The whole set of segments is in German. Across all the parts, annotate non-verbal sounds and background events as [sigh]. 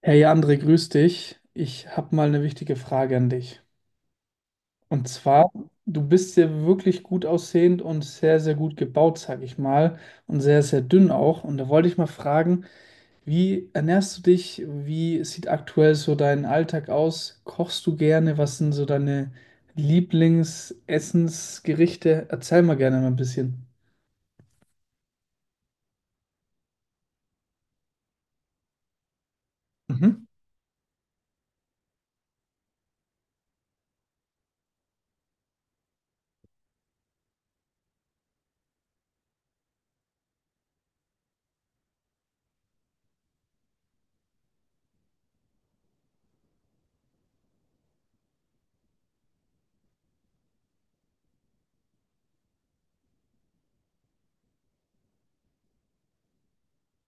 Hey André, grüß dich. Ich habe mal eine wichtige Frage an dich. Und zwar, du bist ja wirklich gut aussehend und sehr, sehr gut gebaut, sag ich mal, und sehr, sehr dünn auch. Und da wollte ich mal fragen, wie ernährst du dich? Wie sieht aktuell so dein Alltag aus? Kochst du gerne? Was sind so deine Lieblingsessensgerichte? Erzähl mal gerne mal ein bisschen. Mhm.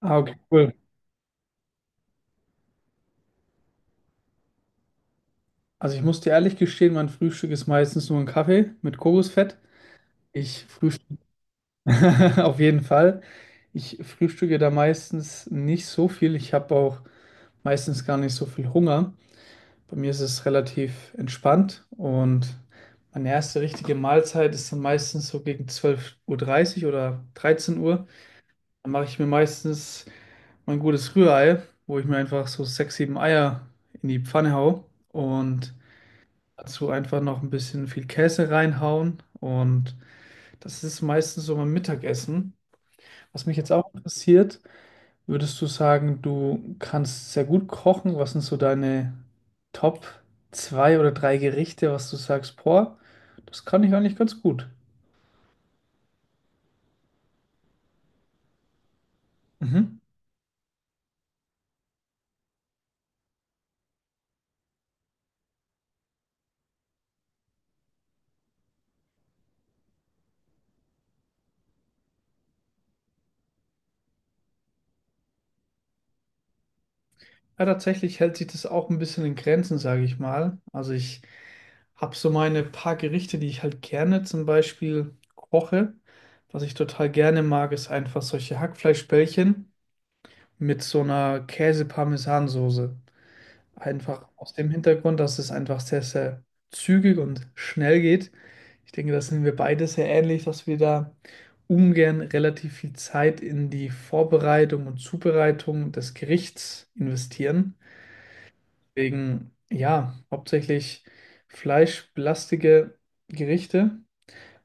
Ah, okay, cool. Also ich muss dir ehrlich gestehen, mein Frühstück ist meistens nur ein Kaffee mit Kokosfett. Ich frühstücke [laughs] auf jeden Fall. Ich frühstücke da meistens nicht so viel. Ich habe auch meistens gar nicht so viel Hunger. Bei mir ist es relativ entspannt und meine erste richtige Mahlzeit ist dann meistens so gegen 12:30 Uhr oder 13 Uhr. Dann mache ich mir meistens mein gutes Rührei, wo ich mir einfach so sechs, sieben Eier in die Pfanne hau und dazu einfach noch ein bisschen viel Käse reinhauen. Und das ist meistens so mein Mittagessen. Was mich jetzt auch interessiert, würdest du sagen, du kannst sehr gut kochen? Was sind so deine Top zwei oder drei Gerichte, was du sagst, boah, das kann ich eigentlich ganz gut. Mhm. Ja, tatsächlich hält sich das auch ein bisschen in Grenzen, sage ich mal. Also ich habe so meine paar Gerichte, die ich halt gerne zum Beispiel koche. Was ich total gerne mag, ist einfach solche Hackfleischbällchen mit so einer Käse-Parmesan-Soße. Einfach aus dem Hintergrund, dass es einfach sehr, sehr zügig und schnell geht. Ich denke, das sind wir beide sehr ähnlich, dass wir da ungern relativ viel Zeit in die Vorbereitung und Zubereitung des Gerichts investieren. Deswegen, ja, hauptsächlich fleischbelastige Gerichte.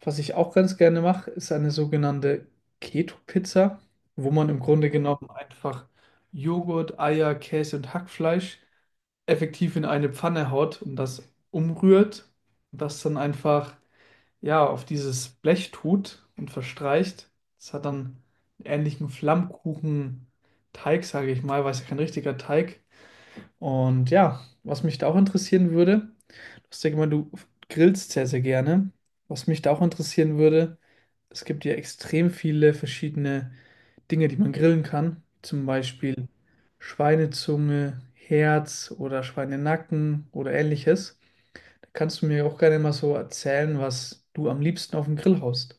Was ich auch ganz gerne mache, ist eine sogenannte Keto-Pizza, wo man im Grunde genommen einfach Joghurt, Eier, Käse und Hackfleisch effektiv in eine Pfanne haut und das umrührt und das dann einfach ja auf dieses Blech tut und verstreicht. Das hat dann einen ähnlichen Flammkuchenteig, sage ich mal, weil es ja kein richtiger Teig. Und ja, was mich da auch interessieren würde, du hast ja gemeint, du grillst sehr, sehr gerne. Was mich da auch interessieren würde, es gibt ja extrem viele verschiedene Dinge, die man grillen kann, zum Beispiel Schweinezunge, Herz oder Schweinenacken oder ähnliches. Da kannst du mir auch gerne mal so erzählen, was du am liebsten auf dem Grill haust.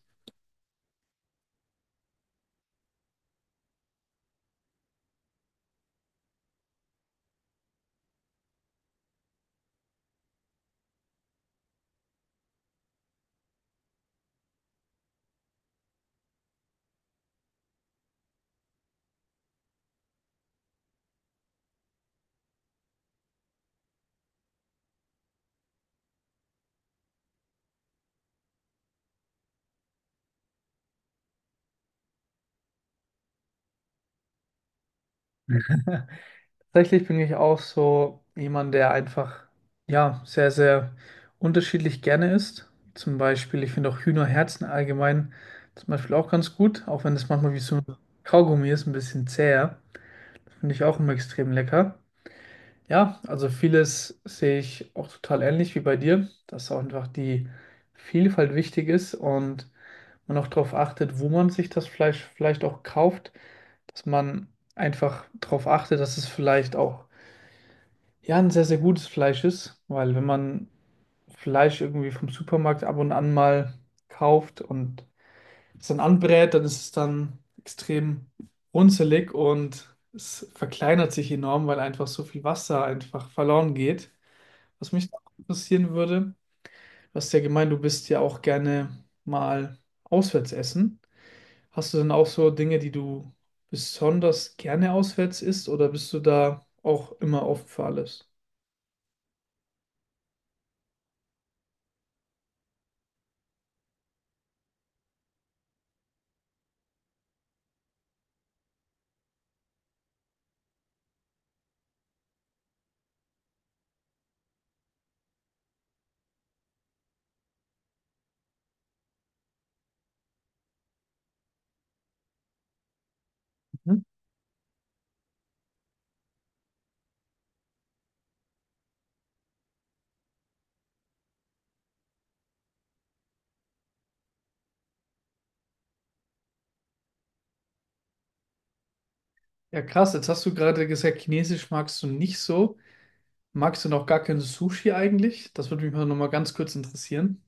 Tatsächlich bin ich auch so jemand, der einfach, ja, sehr, sehr unterschiedlich gerne isst. Zum Beispiel, ich finde auch Hühnerherzen allgemein zum Beispiel auch ganz gut, auch wenn es manchmal wie so ein Kaugummi ist, ein bisschen zäher. Finde ich auch immer extrem lecker. Ja, also vieles sehe ich auch total ähnlich wie bei dir, dass auch einfach die Vielfalt wichtig ist und man auch darauf achtet, wo man sich das Fleisch vielleicht auch kauft, dass man einfach darauf achtet, dass es vielleicht auch ja ein sehr, sehr gutes Fleisch ist, weil wenn man Fleisch irgendwie vom Supermarkt ab und an mal kauft und es dann anbrät, dann ist es dann extrem runzelig und es verkleinert sich enorm, weil einfach so viel Wasser einfach verloren geht. Was mich noch interessieren würde, du hast ja gemeint, du bist ja auch gerne mal auswärts essen. Hast du denn auch so Dinge, die du besonders gerne auswärts isst oder bist du da auch immer offen für alles? Mhm. Ja, krass, jetzt hast du gerade gesagt, Chinesisch magst du nicht so. Magst du noch gar kein Sushi eigentlich? Das würde mich mal nochmal ganz kurz interessieren.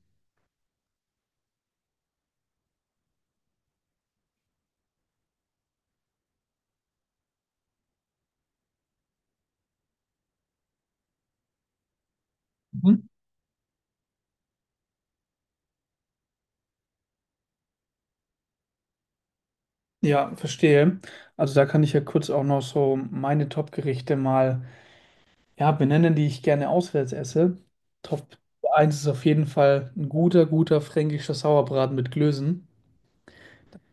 Mhm. Ja, verstehe. Also da kann ich ja kurz auch noch so meine Top-Gerichte mal ja, benennen, die ich gerne auswärts esse. Top eins ist auf jeden Fall ein guter, guter fränkischer Sauerbraten mit Klößen.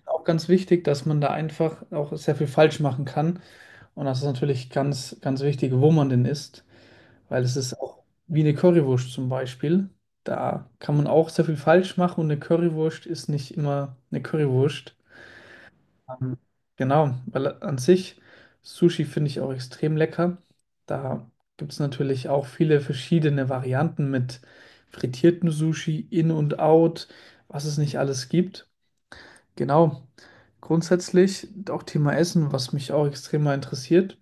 Auch ganz wichtig, dass man da einfach auch sehr viel falsch machen kann. Und das ist natürlich ganz, ganz wichtig, wo man denn isst, weil es ist auch wie eine Currywurst zum Beispiel. Da kann man auch sehr viel falsch machen und eine Currywurst ist nicht immer eine Currywurst. Ähm, Genau, weil an sich Sushi finde ich auch extrem lecker. Da gibt es natürlich auch viele verschiedene Varianten mit frittiertem Sushi, In und Out, was es nicht alles gibt. Genau, grundsätzlich auch Thema Essen, was mich auch extrem mal interessiert.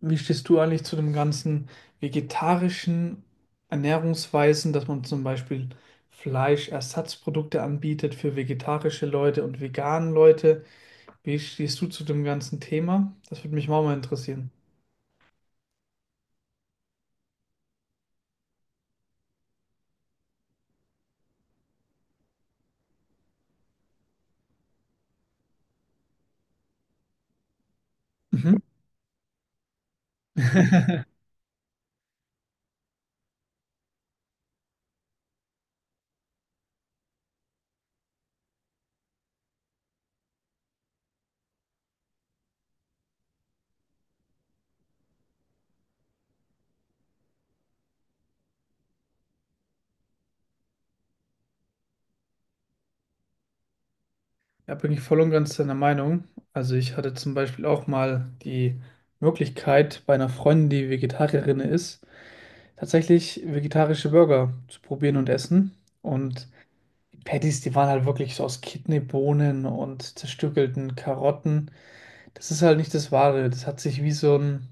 Wie stehst du eigentlich zu dem ganzen vegetarischen Ernährungsweisen, dass man zum Beispiel Fleischersatzprodukte anbietet für vegetarische Leute und veganen Leute? Wie stehst du zu dem ganzen Thema? Das würde mich auch mal interessieren. Mhm. [laughs] Da bin ich voll und ganz deiner Meinung. Also ich hatte zum Beispiel auch mal die Möglichkeit, bei einer Freundin, die Vegetarierin ist, tatsächlich vegetarische Burger zu probieren und essen. Und die Patties, die waren halt wirklich so aus Kidneybohnen und zerstückelten Karotten. Das ist halt nicht das Wahre. Das hat sich wie so ein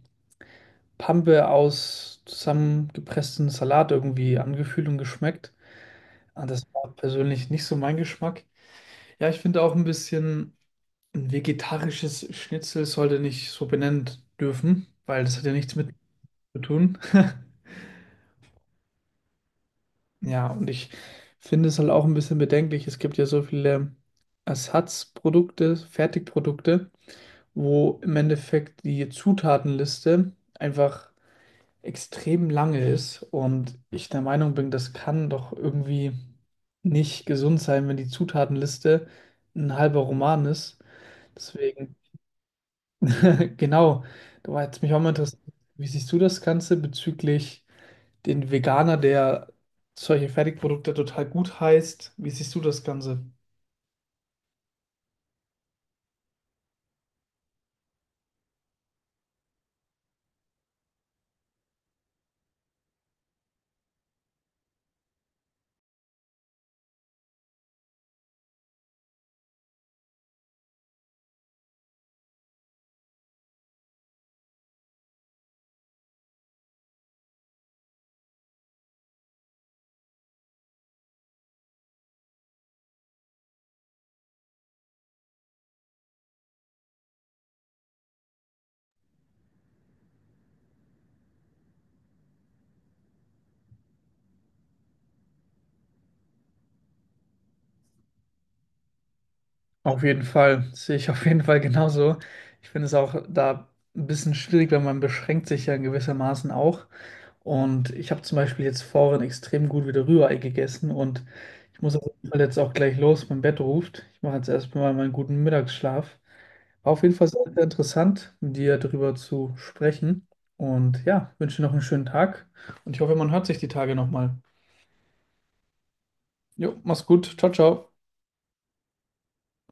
Pampe aus zusammengepresstem Salat irgendwie angefühlt und geschmeckt. Ah, das war persönlich nicht so mein Geschmack. Ja, ich finde auch ein bisschen, ein vegetarisches Schnitzel sollte nicht so benannt dürfen, weil das hat ja nichts mit zu tun. [laughs] Ja, und ich finde es halt auch ein bisschen bedenklich. Es gibt ja so viele Ersatzprodukte, Fertigprodukte, wo im Endeffekt die Zutatenliste einfach extrem lange ist und ich der Meinung bin, das kann doch irgendwie nicht gesund sein, wenn die Zutatenliste ein halber Roman ist. Deswegen, [laughs] genau, da war jetzt mich auch mal interessiert, wie siehst du das Ganze bezüglich den Veganer, der solche Fertigprodukte total gut heißt? Wie siehst du das Ganze? Auf jeden Fall, sehe ich auf jeden Fall genauso. Ich finde es auch da ein bisschen schwierig, weil man beschränkt sich ja in gewissermaßen auch. Und ich habe zum Beispiel jetzt vorhin extrem gut wieder Rührei gegessen und ich muss auf jeden Fall jetzt auch gleich los, mein Bett ruft. Ich mache jetzt erstmal meinen guten Mittagsschlaf. War auf jeden Fall sehr, sehr interessant, mit dir darüber zu sprechen. Und ja, wünsche dir noch einen schönen Tag und ich hoffe, man hört sich die Tage nochmal. Jo, mach's gut. Ciao, ciao.